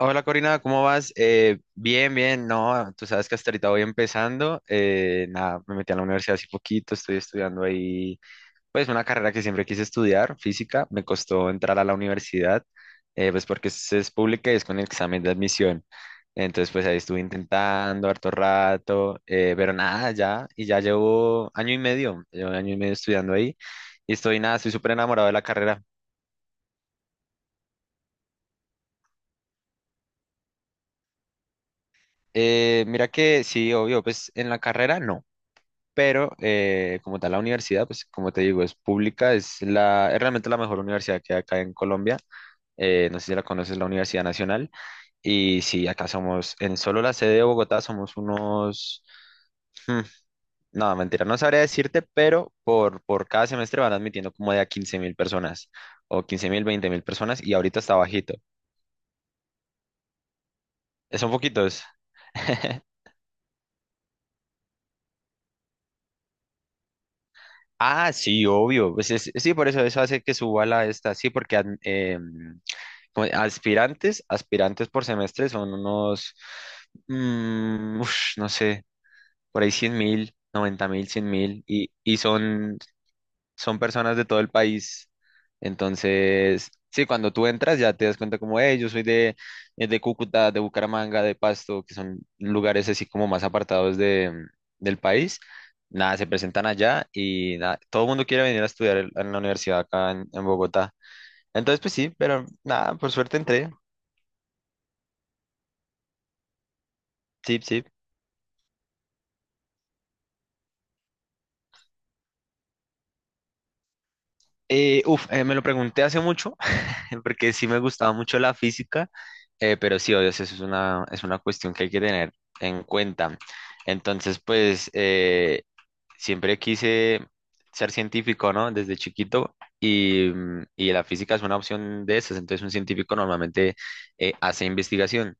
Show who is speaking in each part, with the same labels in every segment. Speaker 1: Hola Corina, ¿cómo vas? Bien, bien, no, tú sabes que hasta ahorita voy empezando, nada, me metí a la universidad hace poquito, estoy estudiando ahí, pues una carrera que siempre quise estudiar, física. Me costó entrar a la universidad, pues porque es pública y es con el examen de admisión. Entonces pues ahí estuve intentando harto rato, pero nada, ya, y ya llevo año y medio, llevo año y medio estudiando ahí, y estoy nada, estoy súper enamorado de la carrera. Mira que sí, obvio, pues en la carrera no, pero como tal la universidad, pues como te digo, es pública, es realmente la mejor universidad que hay acá en Colombia. No sé si la conoces, la Universidad Nacional. Y sí, acá somos, en solo la sede de Bogotá somos unos, hmm, no, mentira, no sabría decirte, pero por cada semestre van admitiendo como de a 15.000 personas, o 15.000, 20.000 personas, y ahorita está bajito. Son poquitos. Ah, sí, obvio. Sí, por eso hace que suba la esta, sí, porque aspirantes por semestre son unos, no sé, por ahí 100.000, 90.000, 100.000, y son, son personas de todo el país. Entonces, sí, cuando tú entras ya te das cuenta como, hey, yo soy de Cúcuta, de Bucaramanga, de Pasto, que son lugares así como más apartados de, del país. Nada, se presentan allá y nada, todo el mundo quiere venir a estudiar en la universidad acá en Bogotá. Entonces, pues sí, pero nada, por suerte entré. Sí, sí. Me lo pregunté hace mucho, porque sí me gustaba mucho la física, pero sí, obvio, eso es una cuestión que hay que tener en cuenta. Entonces, pues, siempre quise ser científico, ¿no? Desde chiquito, y la física es una opción de esas. Entonces un científico normalmente hace investigación.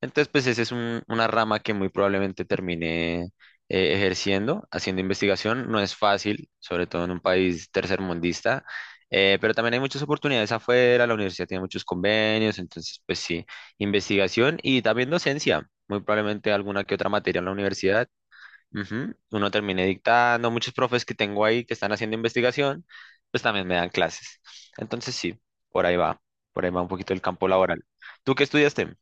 Speaker 1: Entonces, pues esa es una rama que muy probablemente termine ejerciendo, haciendo investigación. No es fácil, sobre todo en un país tercermundista, pero también hay muchas oportunidades afuera, la universidad tiene muchos convenios. Entonces, pues sí, investigación y también docencia, muy probablemente alguna que otra materia en la universidad. Ujú. Uno termine dictando, muchos profes que tengo ahí que están haciendo investigación, pues también me dan clases. Entonces, sí, por ahí va, por ahí va un poquito el campo laboral. ¿Tú qué estudiaste?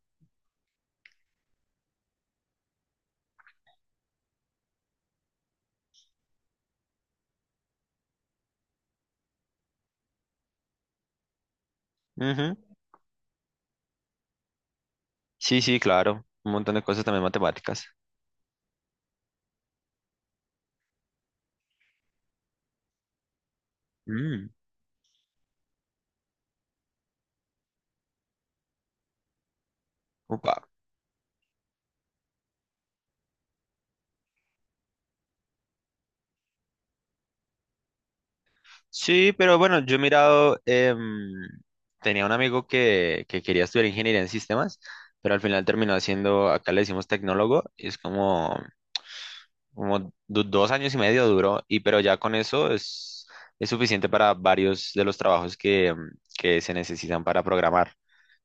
Speaker 1: Ujú. Sí, sí, claro. Un montón de cosas también matemáticas. Mm, Upa. Sí, pero bueno, yo he mirado, tenía un amigo que quería estudiar ingeniería en sistemas, pero al final terminó haciendo, acá le decimos tecnólogo, y es como, como 2 años y medio duró, y pero ya con eso es suficiente para varios de los trabajos que, que se necesitan para programar,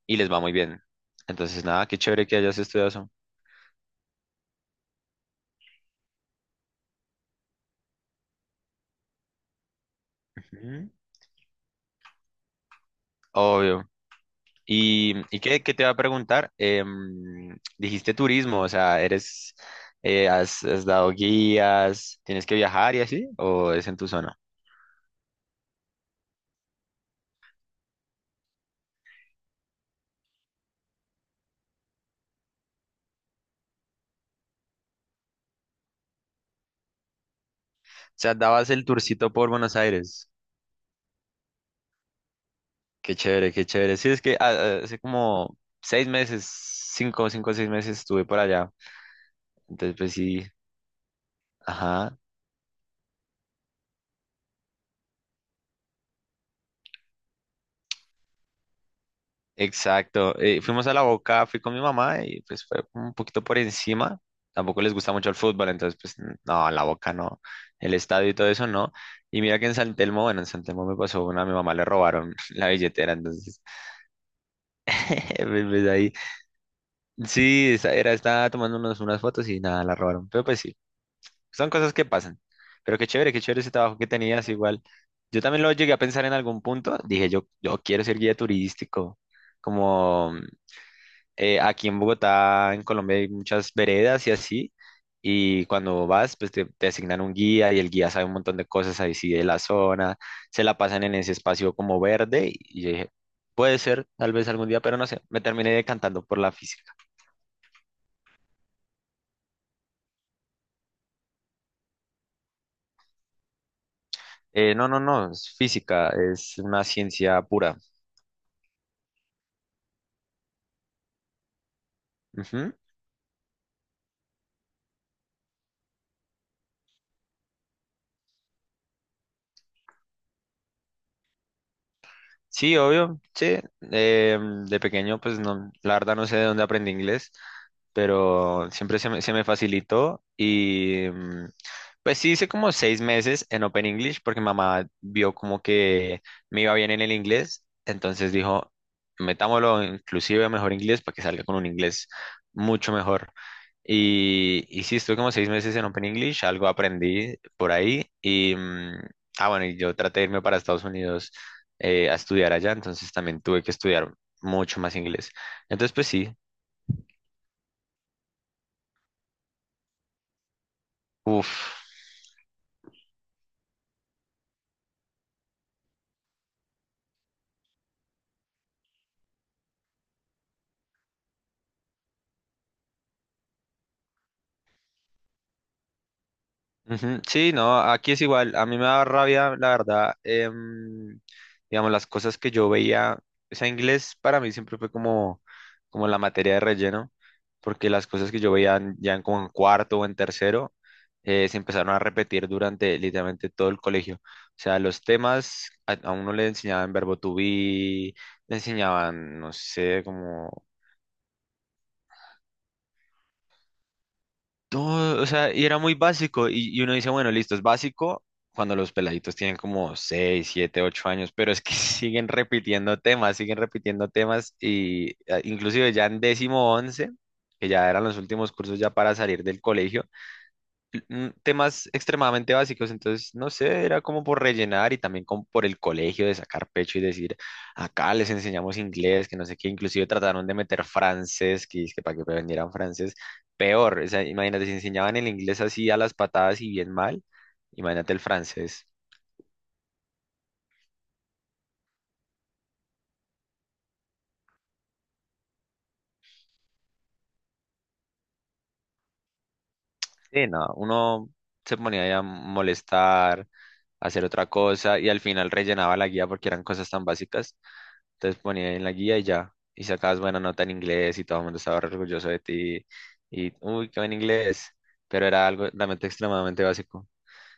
Speaker 1: y les va muy bien. Entonces, nada, qué chévere que hayas estudiado eso. Ujú. Obvio. Y qué, qué te va a preguntar? Dijiste turismo, o sea, eres, has dado guías, ¿tienes que viajar y así, o es en tu zona? O sea, dabas el tourcito por Buenos Aires. Qué chévere, qué chévere. Sí, es que hace como 6 meses, cinco, cinco o seis meses estuve por allá. Entonces, pues sí. Ajá. Exacto. Fuimos a la Boca, fui con mi mamá y pues fue como un poquito por encima. Tampoco les gusta mucho el fútbol, entonces pues no, la Boca no, el estadio y todo eso no. Y mira que en San Telmo, bueno, en San Telmo me pasó una, a mi mamá le robaron la billetera, entonces pues, pues, ahí. Sí, esa era, estaba tomándonos unas fotos y nada, la robaron. Pero pues sí, son cosas que pasan. Pero qué chévere ese trabajo que tenías igual. Yo también lo llegué a pensar en algún punto, dije yo, yo quiero ser guía turístico como aquí en Bogotá, en Colombia, hay muchas veredas y así. Y cuando vas, pues te asignan un guía y el guía sabe un montón de cosas ahí sí de la zona. Se la pasan en ese espacio como verde. Y yo dije, puede ser, tal vez algún día, pero no sé. Me terminé decantando por la física. No, no, no, es física, es una ciencia pura. Ujú. Sí, obvio, sí. Eh, de pequeño, pues no, la verdad no sé de dónde aprendí inglés, pero siempre se me facilitó y pues sí hice como 6 meses en Open English porque mamá vio como que me iba bien en el inglés, entonces dijo, metámoslo inclusive a mejor inglés para que salga con un inglés mucho mejor. Y sí, estuve como 6 meses en Open English, algo aprendí por ahí y... Ah, bueno, y yo traté de irme para Estados Unidos a estudiar allá, entonces también tuve que estudiar mucho más inglés. Entonces, pues sí. uff. Ujú. Sí, no, aquí es igual, a mí me da rabia, la verdad, digamos, las cosas que yo veía, o sea, inglés para mí siempre fue como, como la materia de relleno, porque las cosas que yo veía ya en, como en cuarto o en tercero, se empezaron a repetir durante literalmente todo el colegio. O sea, los temas, a uno le enseñaban verbo to be, le enseñaban, no sé, como todo, o sea, y era muy básico. Y uno dice, bueno, listo, es básico cuando los peladitos tienen como 6, 7, 8 años, pero es que siguen repitiendo temas y inclusive ya en décimo once, que ya eran los últimos cursos ya para salir del colegio, temas extremadamente básicos. Entonces, no sé, era como por rellenar y también como por el colegio de sacar pecho y decir, acá les enseñamos inglés, que no sé qué, inclusive trataron de meter francés, que, es que para que aprendieran francés, peor, o sea, imagínate, si enseñaban el inglés así a las patadas y bien mal, imagínate el francés. Sí, no, uno se ponía ahí a molestar, a hacer otra cosa y al final rellenaba la guía porque eran cosas tan básicas. Entonces ponía en la guía y ya. Y sacabas buena nota en inglés y todo el mundo estaba re orgulloso de ti. Y, uy, qué buen inglés. Pero era algo realmente extremadamente básico.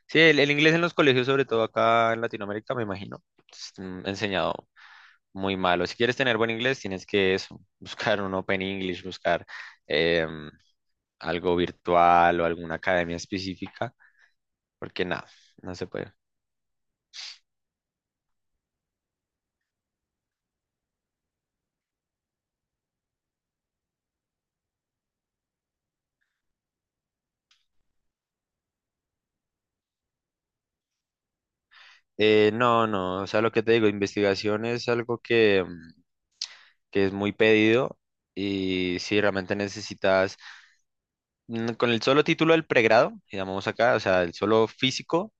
Speaker 1: Sí, el inglés en los colegios, sobre todo acá en Latinoamérica, me imagino, es enseñado muy malo. Si quieres tener buen inglés, tienes que eso, buscar un Open English, buscar em, algo virtual o alguna academia específica, porque nada, no se puede. No, no, o sea, lo que te digo, investigación es algo que... que es muy pedido, y si realmente necesitas, con el solo título del pregrado, llamamos acá, o sea, el solo físico,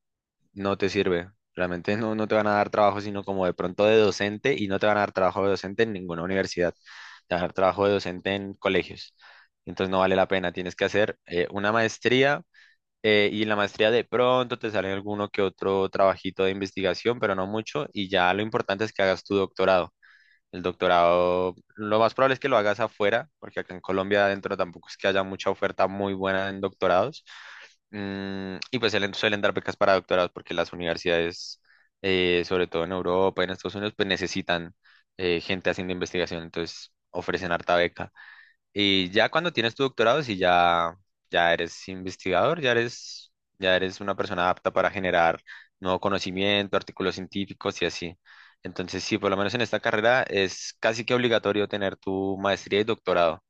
Speaker 1: no te sirve. Realmente no, no te van a dar trabajo, sino como de pronto de docente, y no te van a dar trabajo de docente en ninguna universidad. Te van a dar trabajo de docente en colegios. Entonces no vale la pena, tienes que hacer una maestría, y en la maestría de pronto te sale alguno que otro trabajito de investigación, pero no mucho, y ya lo importante es que hagas tu doctorado. El doctorado, lo más probable es que lo hagas afuera, porque acá en Colombia adentro tampoco es que haya mucha oferta muy buena en doctorados. Y pues suelen dar becas para doctorados porque las universidades, sobre todo en Europa y en Estados Unidos, pues necesitan gente haciendo investigación, entonces ofrecen harta beca. Y ya cuando tienes tu doctorado, si ya, ya eres investigador, ya eres una persona apta para generar nuevo conocimiento, artículos científicos y así. Entonces, sí, por lo menos en esta carrera es casi que obligatorio tener tu maestría y doctorado.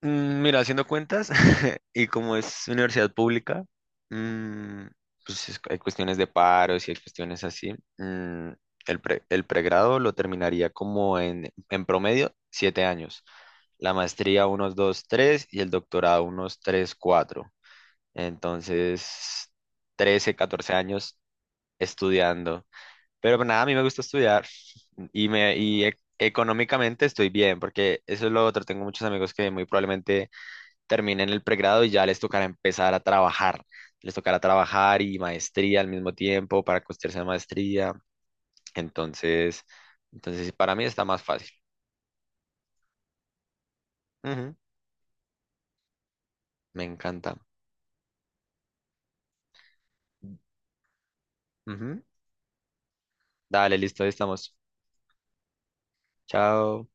Speaker 1: Mira, haciendo cuentas, y como es universidad pública, mm, pues hay cuestiones de paros y hay cuestiones así. El el pregrado lo terminaría como en promedio 7 años. La maestría unos dos, tres y el doctorado unos tres, cuatro. Entonces, 13, 14 años estudiando. Pero nada, a mí me gusta estudiar y, económicamente estoy bien, porque eso es lo otro. Tengo muchos amigos que muy probablemente terminen el pregrado y ya les tocará empezar a trabajar. Les tocará trabajar y maestría al mismo tiempo para costearse la maestría. Entonces, entonces para mí está más fácil. Ujú. Me encanta. Ujú. Dale, listo, ahí estamos. Chao.